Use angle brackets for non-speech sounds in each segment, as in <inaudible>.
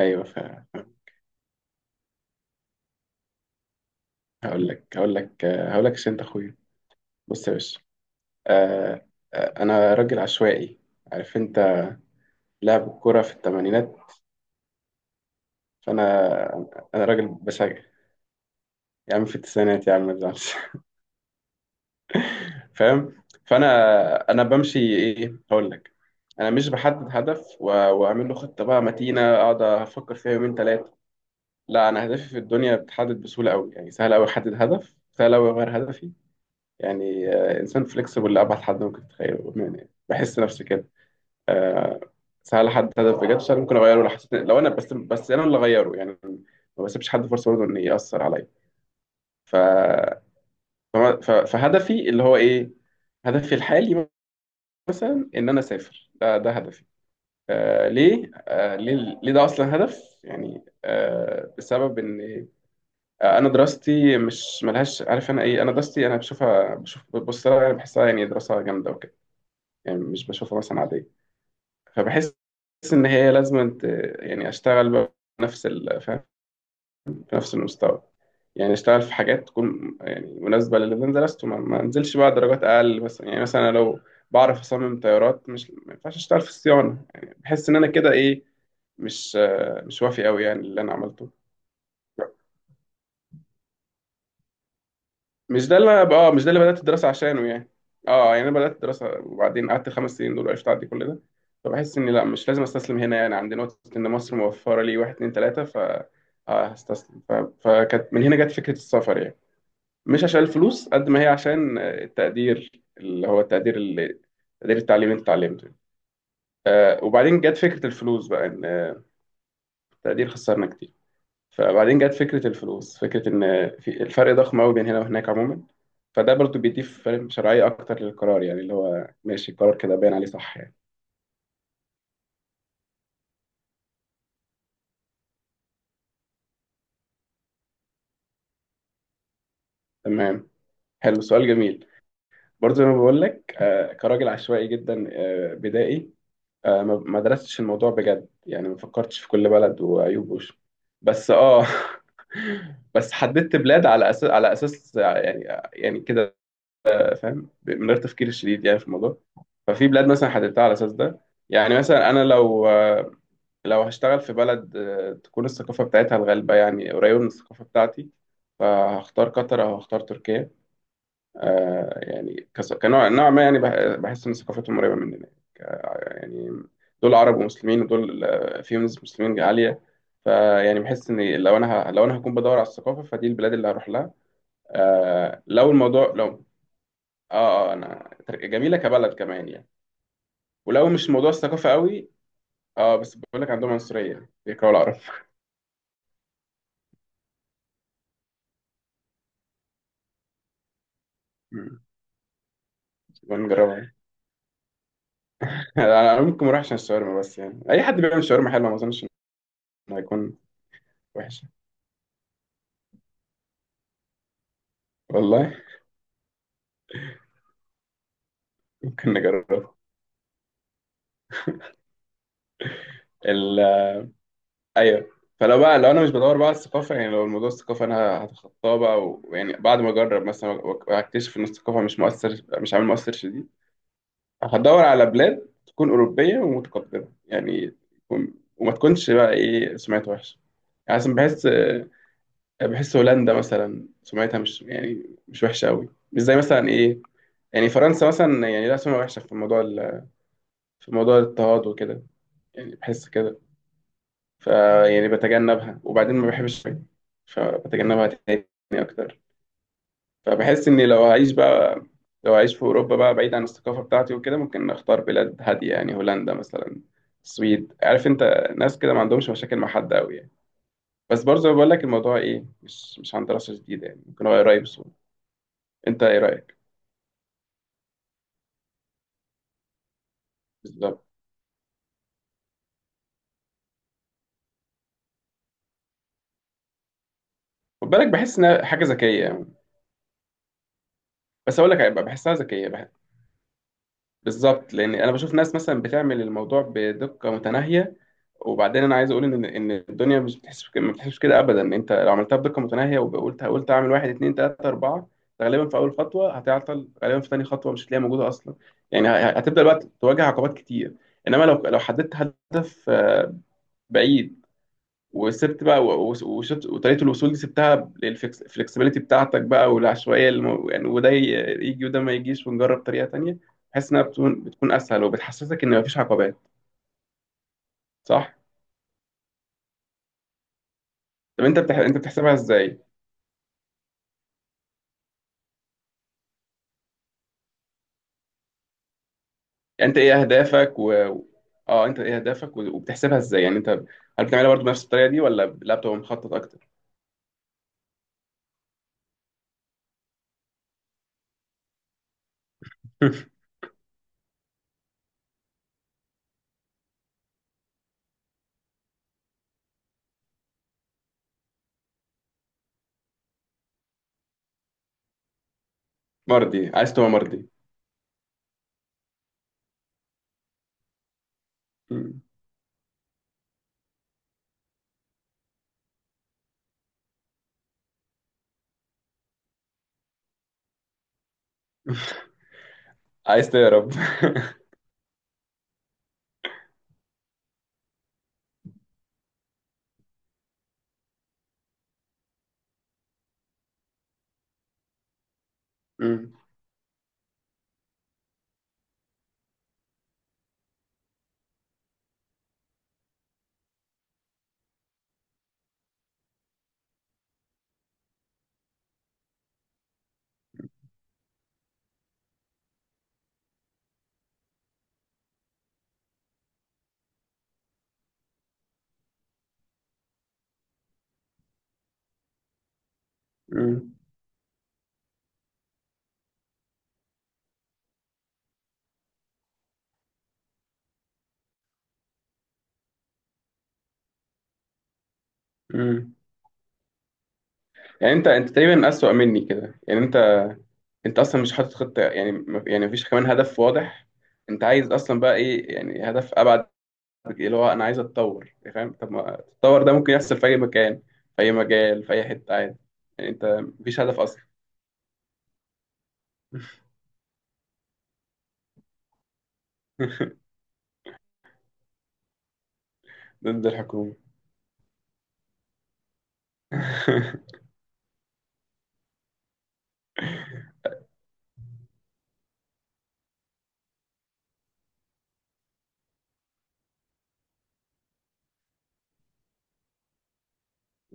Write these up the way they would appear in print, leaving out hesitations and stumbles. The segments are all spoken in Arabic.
ايوه، فعلا. هقول لك عشان انت اخويا. بص يا باشا. آه، انا راجل عشوائي. عارف انت، لعب الكوره في الثمانينات. فانا راجل بشجع، يا عم، في التسعينات، يا عم ما تزعلش. <laughs> فاهم. فانا بمشي ايه، هقول لك. انا مش بحدد هدف واعمل له خطه بقى متينه، اقعد افكر فيها يومين ثلاثه. لا، انا هدفي في الدنيا بتحدد بسهوله قوي، يعني سهل قوي احدد هدف، سهل قوي اغير هدفي، يعني انسان فليكسبل لابعد حد ممكن تتخيله، يعني بحس نفسي كده. آه، سهل حد هدف بجد، سهل ممكن اغيره لو حسيت، لو انا بس انا اللي اغيره، يعني ما بسيبش حد فرصه برضه ان ياثر عليا. ف... فهدفي اللي هو ايه، هدفي الحالي، مثلا ان انا اسافر. ده هدفي. آه ليه، ليه ده اصلا هدف؟ يعني بسبب ان انا دراستي مش ملهاش، عارف انا ايه، انا دراستي انا بشوفها، بشوف بص لها، يعني بحسها، يعني دراسه جامده وكده، يعني مش بشوفها مثلا عادية. فبحس إن هي لازم، أنت يعني، أشتغل بقى بنفس فاهم، بنفس المستوى، يعني أشتغل في حاجات تكون يعني مناسبة للي أنا درسته، ما أنزلش بقى درجات أقل مثلا، يعني مثلا أنا لو بعرف أصمم طيارات، مش ما ينفعش أشتغل في الصيانة. يعني بحس إن أنا كده إيه، مش مش وافي قوي يعني اللي أنا عملته. مش ده اللي انا اه مش ده اللي بدات الدراسه عشانه يعني. اه يعني انا بدات الدراسه، وبعدين قعدت 5 سنين دول، عشت اعدي كل ده. فبحس ان لا، مش لازم استسلم هنا، يعني عند نقطه ان مصر موفره لي واحد اتنين تلاته، ف هستسلم. فكانت من هنا جت فكره السفر، يعني مش عشان الفلوس قد ما هي عشان التقدير، اللي هو التقدير اللي، تقدير التعليم اللي انت اتعلمته. وبعدين جت فكره الفلوس بقى، ان التقدير خسرنا كتير. فبعدين جت فكرة الفلوس، فكرة إن في الفرق ضخم أوي بين هنا وهناك عموما، فده برضو بيديه، فاهم، شرعية أكتر للقرار، يعني اللي هو ماشي القرار كده باين عليه صح يعني. تمام، حلو، سؤال جميل. برضو زي ما بقول لك، كراجل عشوائي جدا، بدائي، ما درستش الموضوع بجد، يعني ما فكرتش في كل بلد وعيوبه، بس <laughs> بس حددت بلاد على أساس، يعني، يعني كده، فاهم، من غير تفكير شديد يعني في الموضوع. ففي بلاد مثلا حددتها على اساس ده. يعني مثلا انا لو هشتغل في بلد تكون الثقافه بتاعتها الغالبه يعني قريبه من الثقافه بتاعتي، فهختار قطر او هختار تركيا، يعني كنوع ما، يعني بحس ان ثقافتهم قريبه مننا، يعني دول عرب ومسلمين، ودول فيهم نسبه مسلمين عاليه. فيعني بحس ان لو انا هكون بدور على الثقافه، فدي البلاد اللي هروح لها. آه لو الموضوع لو اه، اه، جميله كبلد كمان يعني، ولو مش موضوع الثقافة قوي. اه، بس بقول لك عندهم عنصرية، بيكرهوا العرب. مم. يبقى نجربها يعني. <laughs> انا ممكن ما اروحش عشان الشاورما، بس يعني اي حد بيعمل شاورما حلوة، ما اظنش انه هيكون وحش، والله. <laughs> ممكن نجربها. ال... آه، ايوه. فلو بقى لو انا مش بدور بقى على الثقافة، يعني لو الموضوع الثقافة انا هتخطاه بقى، ويعني بعد ما اجرب مثلا واكتشف ان الثقافة مش عامل مؤثر شديد، هدور على بلاد تكون أوروبية ومتقدمة، يعني وما تكونش بقى ايه سمعت وحشة، يعني عشان بحس هولندا مثلا سمعتها مش، يعني مش وحشه قوي، مش زي مثلا ايه، يعني فرنسا مثلا، يعني لا، سمعة وحشه في موضوع الاضطهاد وكده، يعني بحس كده. ف، يعني بتجنبها، وبعدين ما بحبش الشاي، فبتجنبها تاني اكتر. فبحس اني لو هعيش بقى، لو هعيش في اوروبا بقى بعيد عن الثقافه بتاعتي وكده، ممكن اختار بلاد هاديه، يعني هولندا مثلا، السويد، عارف انت، ناس كده ما عندهمش مشاكل مع حد قوي يعني. بس برضه بقول لك الموضوع ايه، مش عن دراسه جديده يعني، ممكن هو قريب سوء. انت ايه رايك؟ بالظبط. خد بالك، بحس انها حاجه ذكيه يعني. بس اقول لك هيبقى، بحسها ذكيه بالظبط، لان انا بشوف ناس مثلا بتعمل الموضوع بدقه متناهيه، وبعدين انا عايز اقول ان الدنيا مش ما بتحسش كده ابدا. انت لو عملتها بدقه متناهيه وقلت اعمل واحد اتنين تلاته اربعه، غالبا في اول خطوه هتعطل، غالبا في تاني خطوه مش هتلاقيها موجوده اصلا. يعني هتبدا الوقت تواجه عقبات كتير. انما لو حددت هدف بعيد، وسبت بقى، وطريقه الوصول دي سبتها للفلكسبيليتي بتاعتك بقى، والعشوائيه يعني، وده يجي، وده ما يجيش، ونجرب طريقه تانية، بحيث انها بتكون اسهل وبتحسسك ان مفيش عقبات، صح. طب انت بتحسبها ازاي؟ يعني انت ايه اهدافك و... اه انت ايه اهدافك و- وبتحسبها ازاي يعني؟ انت هل بتعملها برضه بنفس الطريقه دي، ولا لا، بتبقى مخطط اكتر؟ <laughs> مرضي، عايز تبقى مرضي؟ مم. عايز تهرب؟ <laughs> مم. مم. مم. يعني انت تقريبا اسوأ مني كده، يعني انت، انت اصلا مش حاطط خطه، يعني يعني مفيش كمان هدف واضح. انت عايز اصلا بقى ايه، يعني هدف ابعد اللي هو انا عايز اتطور، يعني فاهم؟ طب ما التطور ده ممكن يحصل في اي مكان، في اي مجال، في اي حته، عادي. يعني انت مفيش هدف اصلا. <laughs> ضد الحكومه. <laughs>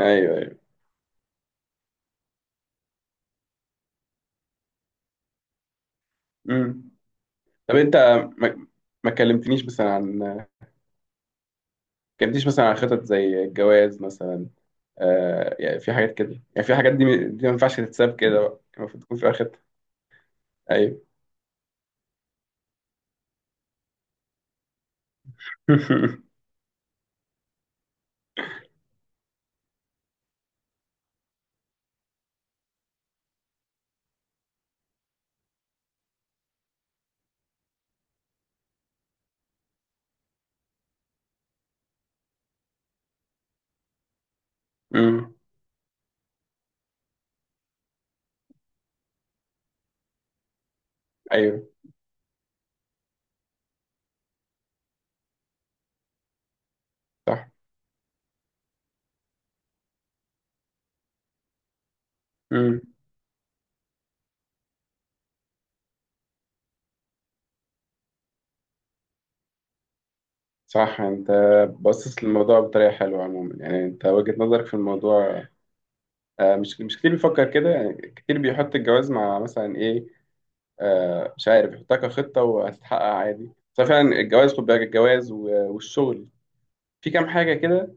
ايوه، ايوه. امم. طب انت ما ما كلمتنيش مثلا عن خطط زي الجواز مثلا. آه، يعني في حاجات كده، يعني في حاجات دي ما ينفعش تتساب كده بقى، المفروض تكون في خطه. ايوه. <laughs> امم. ايوه، صح. امم. صح. انت باصص للموضوع بطريقه حلوه عموما، يعني انت وجهه نظرك في الموضوع مش كتير بيفكر كده، يعني كتير بيحط الجواز مع مثلا ايه، مش عارف يحطها كخطه وهتتحقق عادي. بس فعلا الجواز، خد بالك، الجواز والشغل، في كام حاجه كده،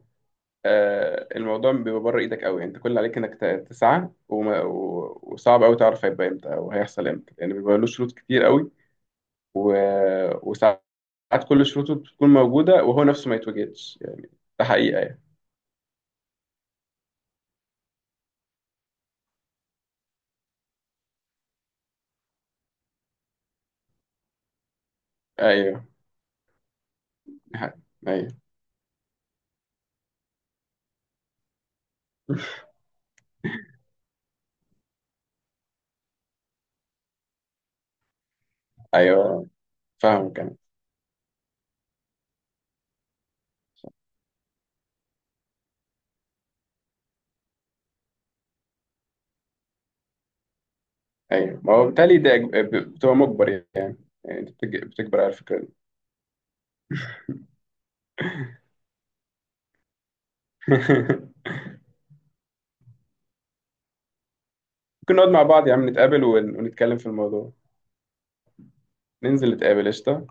الموضوع بيبقى بره ايدك قوي، يعني انت كل اللي عليك انك تسعى، وصعب قوي تعرف هيبقى امتى او هيحصل امتى، لان يعني بيبقى له شروط كتير قوي، وصعب ساعات كل شروطه بتكون موجودة، وهو نفسه ما يتوجدش يعني، ده حقيقة يعني. أيوه، دي حقيقة. أيوه، أيوه، فاهمك أنا. أيوه، ما هو بالتالي ده بتبقى مجبر، يعني، يعني أنت بتجبر على الفكرة دي. <laughs> ممكن نقعد مع بعض يا عم، نتقابل ونتكلم في الموضوع. ننزل نتقابل، قشطة.